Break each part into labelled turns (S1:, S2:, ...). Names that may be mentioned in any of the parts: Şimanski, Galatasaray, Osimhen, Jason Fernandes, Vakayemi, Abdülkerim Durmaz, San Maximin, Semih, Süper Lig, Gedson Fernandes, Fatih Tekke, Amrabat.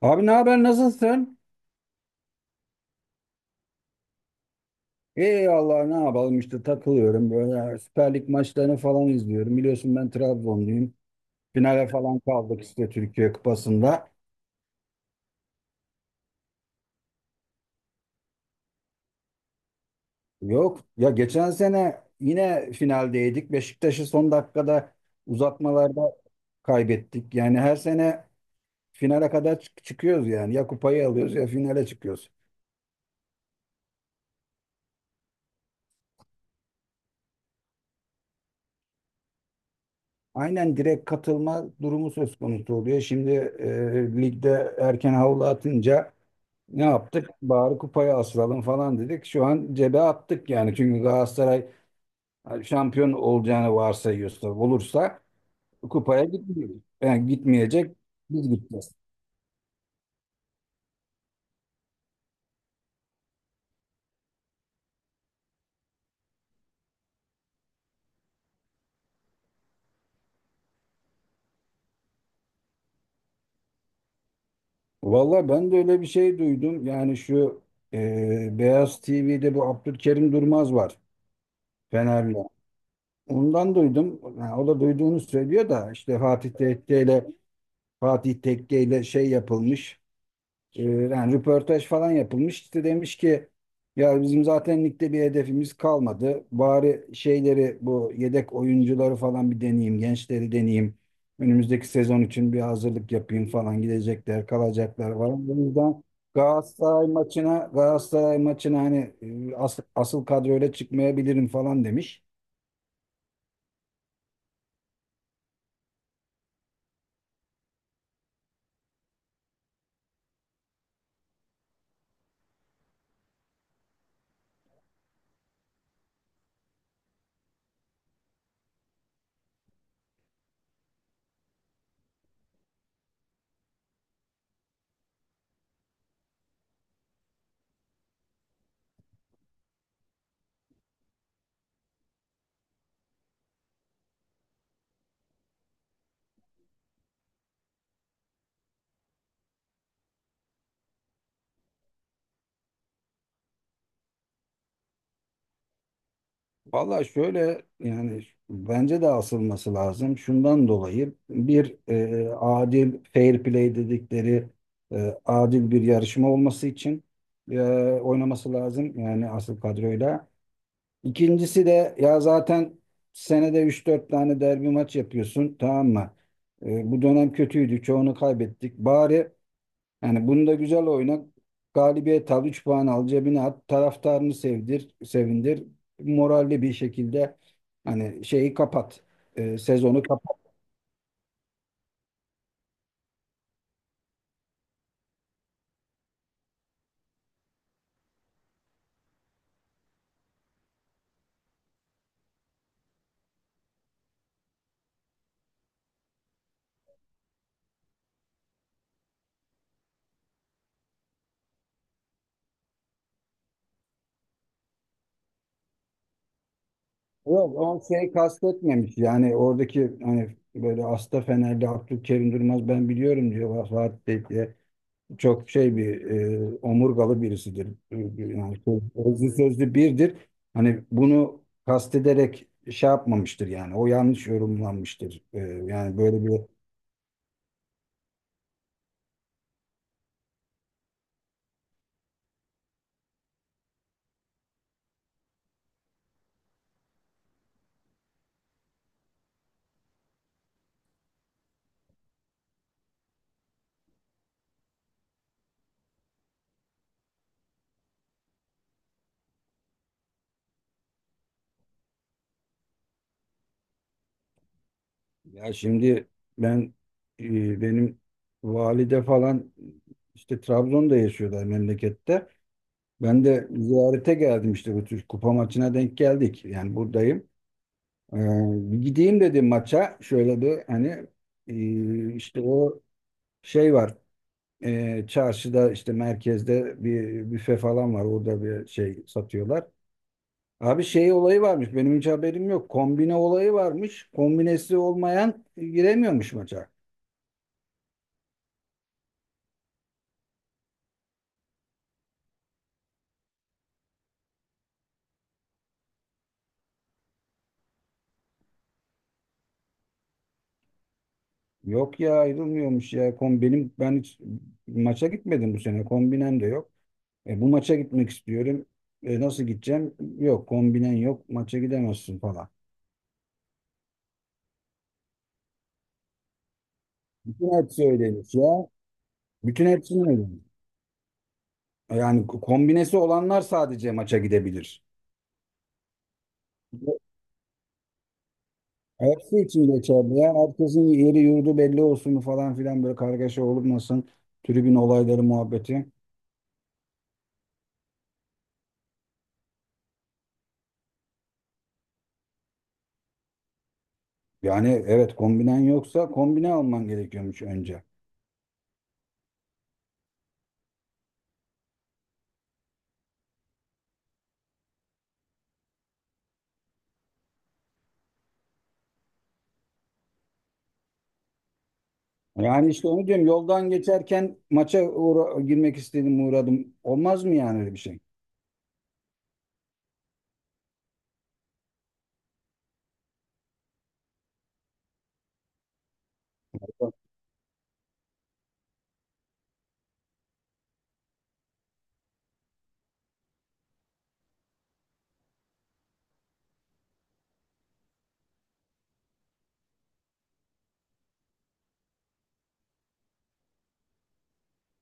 S1: Abi ne haber nasılsın? İyi Allah ne yapalım işte takılıyorum böyle Süper Lig maçlarını falan izliyorum. Biliyorsun ben Trabzonluyum. Finale falan kaldık işte Türkiye Kupası'nda. Yok ya, geçen sene yine finaldeydik. Beşiktaş'ı son dakikada uzatmalarda kaybettik. Yani her sene finale kadar çıkıyoruz yani. Ya kupayı alıyoruz ya finale çıkıyoruz. Aynen, direkt katılma durumu söz konusu oluyor. Şimdi ligde erken havlu atınca ne yaptık? Bari kupaya asılalım falan dedik. Şu an cebe attık yani. Çünkü Galatasaray şampiyon olacağını varsayıyorsa, olursa kupaya gitmiyor. Yani gitmeyecek, biz gideceğiz. Valla ben de öyle bir şey duydum. Yani şu Beyaz TV'de bu Abdülkerim Durmaz var. Fenerli. Ondan duydum. Yani o da duyduğunu söylüyor da işte Fatih Tekke ile şey yapılmış. Yani röportaj falan yapılmış. İşte demiş ki, ya bizim zaten ligde bir hedefimiz kalmadı. Bari şeyleri, bu yedek oyuncuları falan bir deneyeyim, gençleri deneyeyim. Önümüzdeki sezon için bir hazırlık yapayım falan, gidecekler, kalacaklar falan. O yüzden Galatasaray maçına hani asıl kadroyla çıkmayabilirim falan demiş. Valla şöyle, yani bence de asılması lazım. Şundan dolayı bir adil, fair play dedikleri adil bir yarışma olması için e, oynaması lazım. Yani asıl kadroyla. İkincisi de, ya zaten senede 3-4 tane derbi maç yapıyorsun, tamam mı? Bu dönem kötüydü, çoğunu kaybettik. Bari yani bunda güzel oyna. Galibiyet al, 3 puan al, cebine at, taraftarını sevdir, sevindir. Moralli bir şekilde hani şeyi kapat, sezonu kapat. Yok, o şey kastetmemiş. Yani oradaki, hani böyle Asta, Fenerli Abdülkerim Durmaz, ben biliyorum diyor Fatih Bey diye. Çok şey bir, omurgalı birisidir. Yani sözlü sözlü birdir. Hani bunu kastederek şey yapmamıştır yani. O yanlış yorumlanmıştır. Yani böyle bir... Ya şimdi ben benim valide falan işte Trabzon'da yaşıyorlar memlekette. Ben de ziyarete geldim, işte bu tür kupa maçına denk geldik. Yani buradayım. Ee, Bir gideyim dedim maça. Şöyle bir hani işte o şey var. Çarşıda, işte merkezde bir büfe falan var. Orada bir şey satıyorlar. Abi şey olayı varmış, benim hiç haberim yok. Kombine olayı varmış. Kombinesi olmayan giremiyormuş maça. Yok ya, ayrılmıyormuş ya. Kom benim Ben hiç maça gitmedim bu sene. Kombinem de yok. Bu maça gitmek istiyorum. Nasıl gideceğim? Yok kombinen yok, maça gidemezsin falan. Bütün hepsi öyleymiş ya. Bütün hepsi öyleymiş. Yani kombinesi olanlar sadece maça gidebilir. Hepsi için geçerli ya. Herkesin yeri yurdu belli olsun falan filan, böyle kargaşa olmasın. Tribün olayları muhabbeti. Yani evet, kombinen yoksa kombine alman gerekiyormuş önce. Yani işte onu diyorum, yoldan geçerken maça girmek istedim, uğradım. Olmaz mı yani öyle bir şey?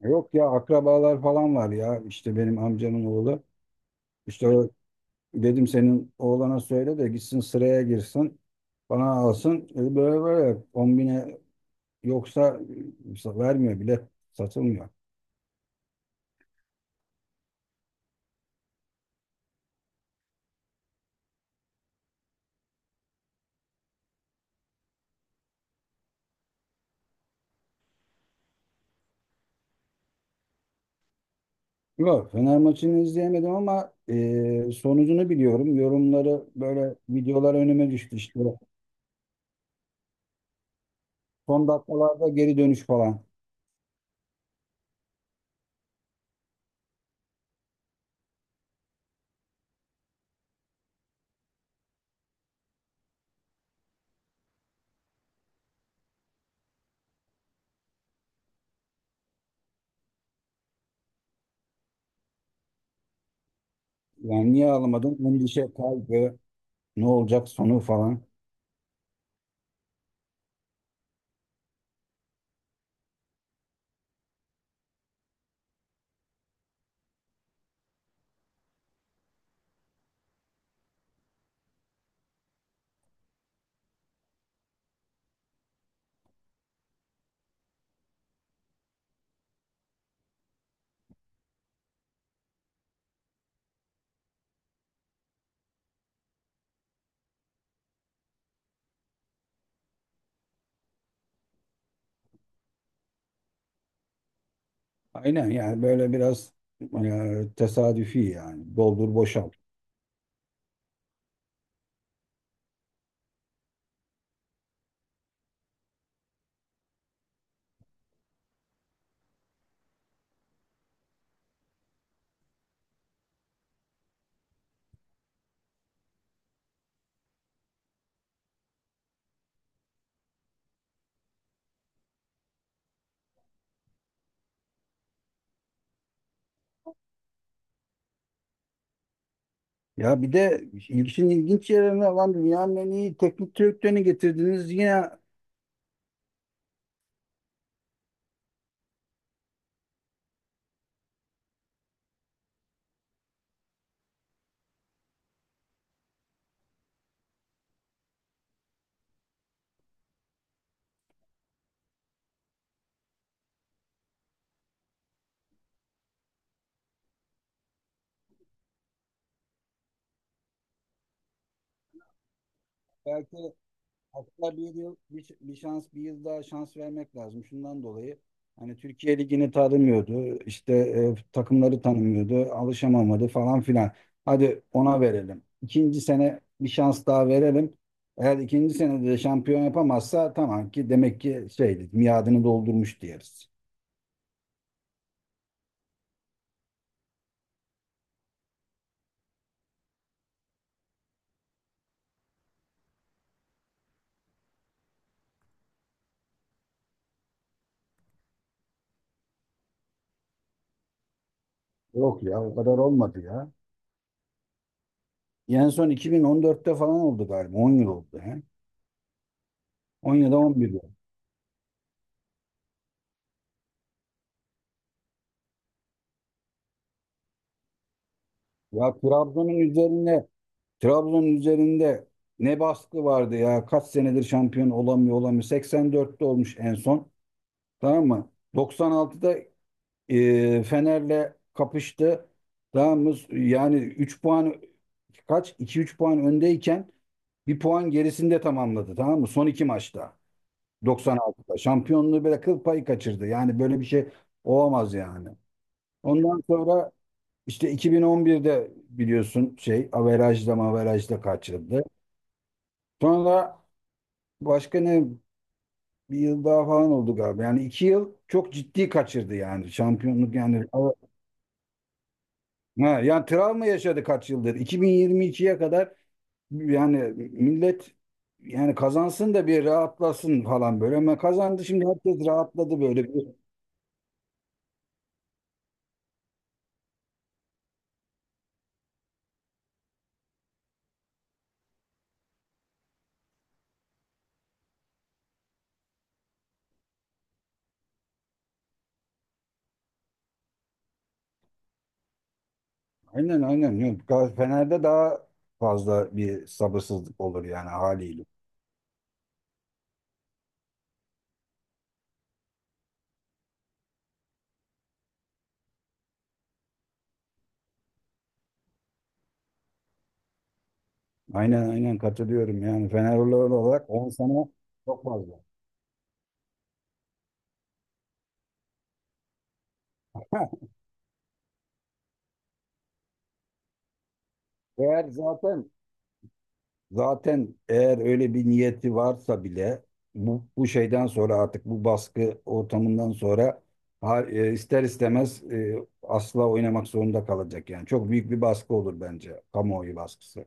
S1: Yok ya, akrabalar falan var ya, işte benim amcamın oğlu. İşte o, dedim senin oğlana söyle de gitsin sıraya girsin, bana alsın. Dedi, böyle böyle 10 bine yoksa vermiyor bile, satılmıyor. Yok, Fener maçını izleyemedim ama sonucunu biliyorum. Yorumları, böyle videolar önüme düştü işte. Son dakikalarda geri dönüş falan. Yani niye ağlamadın? Endişe, kaygı, ne olacak sonu falan. Aynen yani, böyle biraz tesadüfi yani. Doldur boşalt. Ya bir de işin ilginç yerine, lan dünyanın en iyi teknik direktörünü getirdiniz. Yine, belki, hatta bir yıl, bir, bir şans, bir yıl daha şans vermek lazım. Şundan dolayı hani Türkiye Ligi'ni tanımıyordu, İşte takımları tanımıyordu, alışamamadı falan filan. Hadi, ona verelim. İkinci sene bir şans daha verelim. Eğer ikinci senede de şampiyon yapamazsa, tamam ki demek ki şeydi, miadını doldurmuş diyeriz. Yok ya, o kadar olmadı ya. En son 2014'te falan oldu galiba. 10 yıl oldu. He? 10 ya da 11 yıl. Ya Trabzon'un üzerinde ne baskı vardı ya. Kaç senedir şampiyon olamıyor, olamıyor. 84'te olmuş en son. Tamam mı? 96'da Fener'le kapıştı. Tamam mı? Yani 3 puan kaç? 2-3 puan öndeyken 1 puan gerisinde tamamladı. Tamam mı? Son iki maçta. 96'da. Şampiyonluğu böyle kıl payı kaçırdı. Yani böyle bir şey olamaz yani. Ondan sonra işte 2011'de biliyorsun şey averajda maverajda kaçırdı. Sonra, başka ne, bir yıl daha falan oldu galiba. Yani 2 yıl çok ciddi kaçırdı yani, şampiyonluk yani. Ha, yani travma yaşadı kaç yıldır. 2022'ye kadar yani millet yani, kazansın da bir rahatlasın falan böyle. Ama kazandı, şimdi herkes rahatladı böyle. Aynen aynen. Yok, Fener'de daha fazla bir sabırsızlık olur yani haliyle. Aynen aynen katılıyorum, yani Fenerli olarak 10 sene çok fazla. Eğer zaten Zaten eğer öyle bir niyeti varsa bile, bu, bu şeyden sonra, artık bu baskı ortamından sonra ister istemez asla oynamak zorunda kalacak yani. Çok büyük bir baskı olur bence, kamuoyu baskısı.